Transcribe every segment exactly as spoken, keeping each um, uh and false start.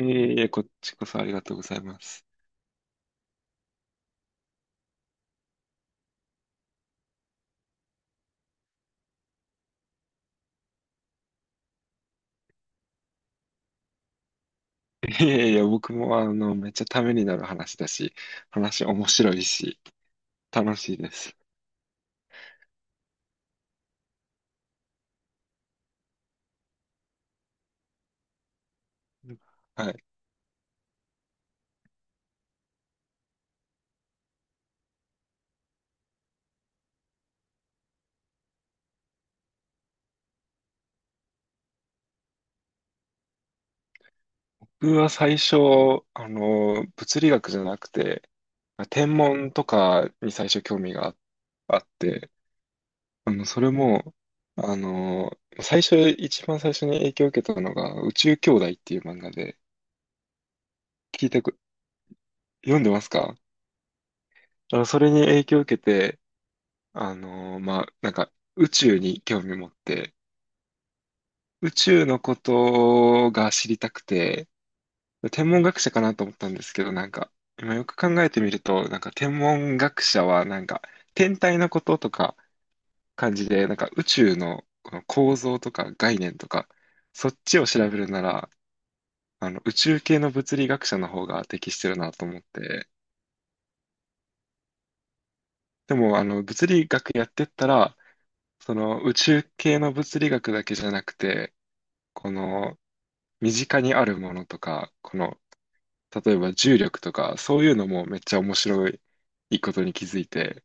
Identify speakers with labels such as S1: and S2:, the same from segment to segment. S1: いえいえ、こっちこそありがとうございます。いやいや、僕もあの、めっちゃためになる話だし、話面白いし、楽しいです。はい。僕は最初、あの、物理学じゃなくて、天文とかに最初興味があ、あって、あの、それも、あの、最初、一番最初に影響を受けたのが、宇宙兄弟っていう漫画で、聞いたく、読んでますか？あのそれに影響を受けて、あのーまあ、なんか、宇宙に興味持って、宇宙のことが知りたくて、天文学者かなと思ったんですけど、なんか、今よく考えてみると、なんか天文学者は、なんか、天体のこととか感じで、なんか宇宙のこの構造とか概念とか、そっちを調べるなら、あの、宇宙系の物理学者の方が適してるなと思って、でも、あの、物理学やってったら、その宇宙系の物理学だけじゃなくて、この身近にあるものとか、この、例えば重力とか、そういうのもめっちゃ面白いことに気づいて、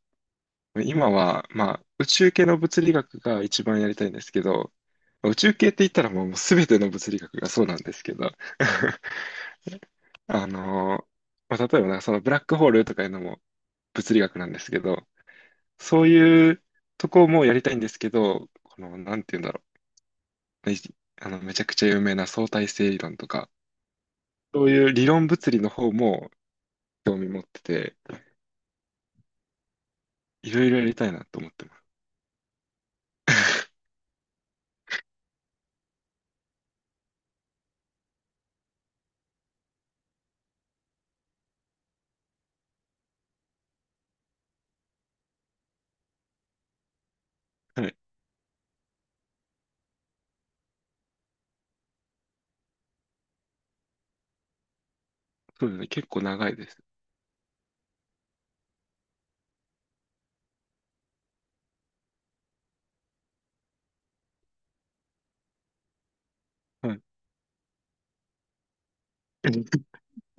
S1: 今は、まあ、宇宙系の物理学が一番やりたいんですけど、宇宙系って言ったらもう全ての物理学がそうなんですけど、あの、まあ、例えばなそのブラックホールとかいうのも物理学なんですけど、そういうとこもやりたいんですけど、この、なんて言うんだろう。ね、あの、めちゃくちゃ有名な相対性理論とか、そういう理論物理の方も興味持ってて、いろいろやりたいなと思ってます。はい。そうですね。結構長いです。はい。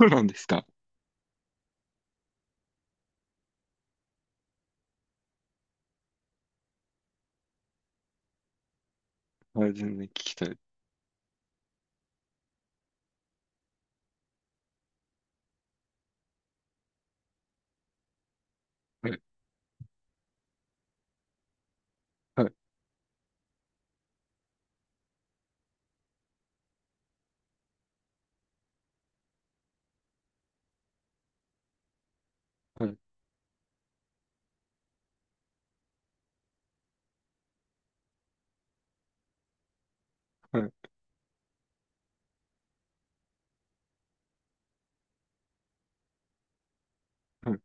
S1: そうなんですか。はい、全然聞きたい。はい。はい。はい。はい。はい。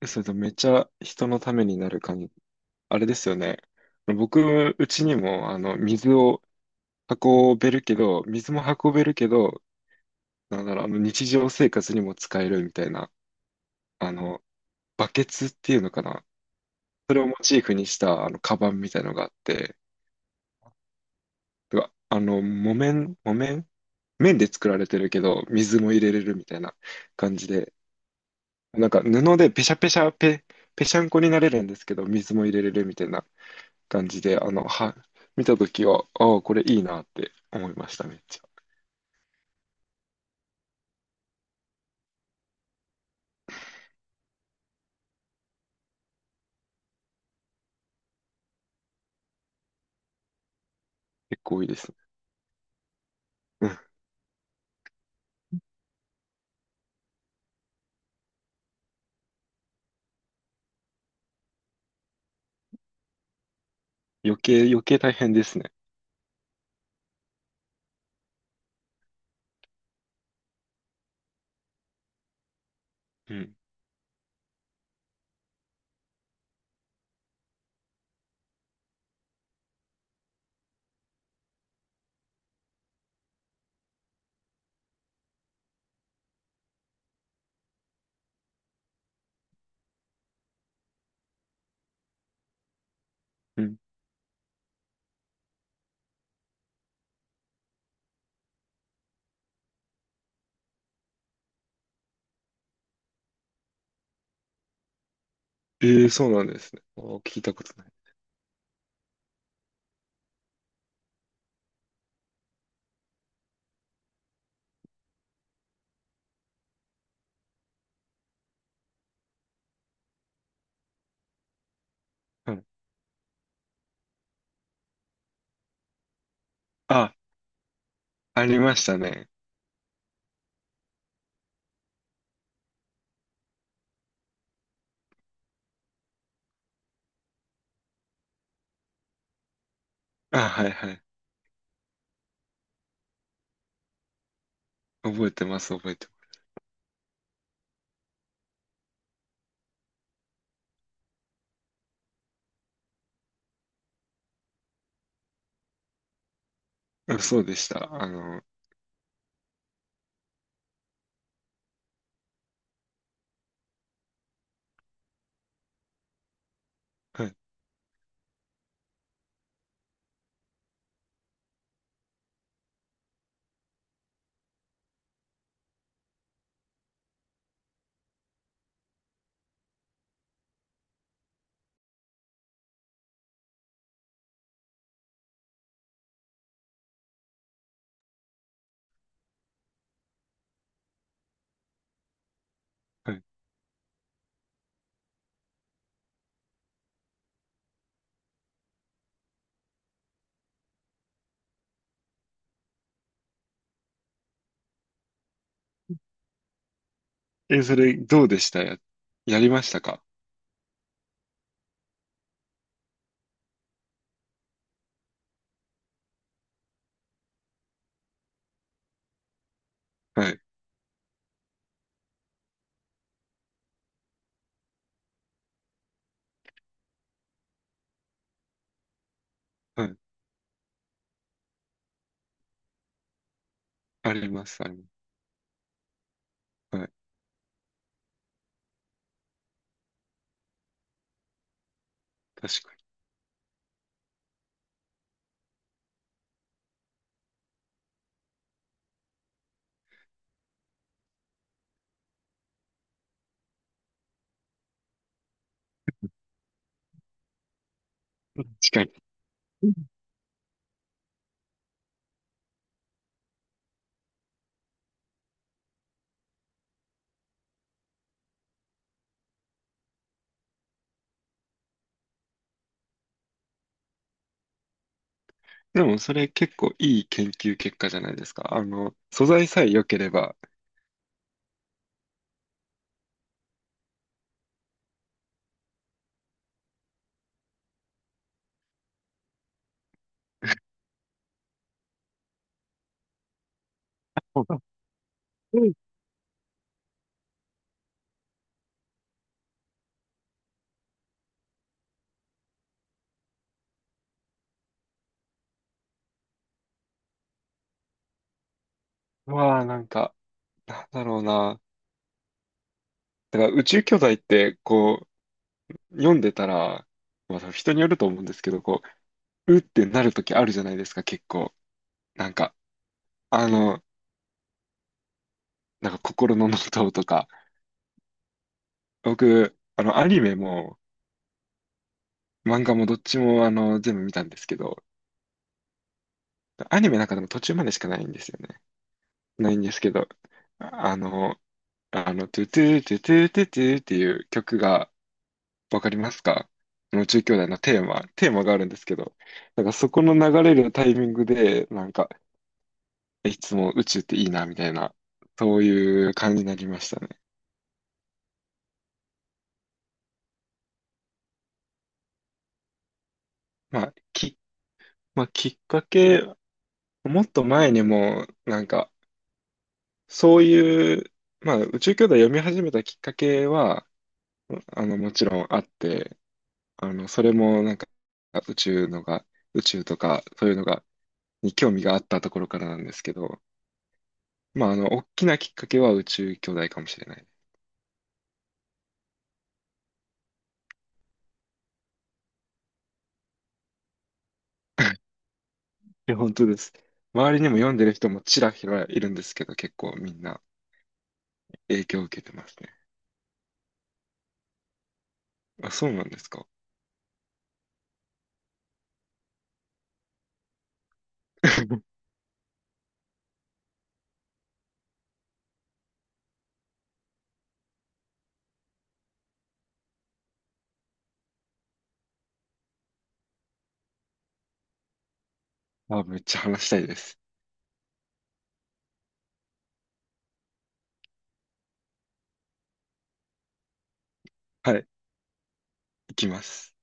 S1: え、それとめっちゃ人のためになる感じ。あれですよね。僕、うちにも、あの、水を運べるけど、水も運べるけど、なんだろう、あの、日常生活にも使えるみたいな、あの、バケツっていうのかな。それをモチーフにした、あの、カバンみたいのがあって、うわあの、木綿、木綿麺で作られてるけど、水も入れれるみたいな感じで、なんか布でペシャペシャペ、ペシャンコになれるんですけど、水も入れれるみたいな感じで、あの、は、見たときは、ああ、これいいなって思いました、めっちゃ。結構いいですね。うん。余計、余計大変ですね。うん。うん。ええそうなんですね。あー聞いたことない。うん。あ、ありましたね。あ、はいはい。覚えてます、覚えてます。うんそうでした。あの、はい、はい。え、それ、どうでしたや、やりましたか？はい。はい。あります、あります。はい。確かに。確かに。でも、それ結構いい研究結果じゃないですか。あの、素材さえ良ければ。う、まあ、なんか、なんだろうな。だから宇宙巨大って、こう、読んでたら、まあ、人によると思うんですけど、こう、うってなるときあるじゃないですか、結構。なんか、あの、なんか心のノートとか。僕、あの、アニメも、漫画もどっちも、あの、全部見たんですけど、アニメなんかでも途中までしかないんですよね。ないんですけど、あの、あの、トゥトゥトゥトゥトゥトゥっていう曲がわかりますか？あの宇宙兄弟のテーマ、テーマがあるんですけど、なんかそこの流れるタイミングで、なんか、いつも宇宙っていいな、みたいな、そういう感じになりましたね。まあ、き、まあ、きっかけ、もっと前にも、なんか、そういう、まあ、宇宙兄弟読み始めたきっかけは、あの、もちろんあって、あの、それもなんか宇宙のが、宇宙とかそういうのが、に興味があったところからなんですけど、まあ、あの、大きなきっかけは宇宙兄弟かもしれない。え、本当です。周りにも読んでる人もちらひらいるんですけど、結構みんな影響を受けてますね。あ、そうなんですか。あ、めっちゃ話したいです。はい、行きます。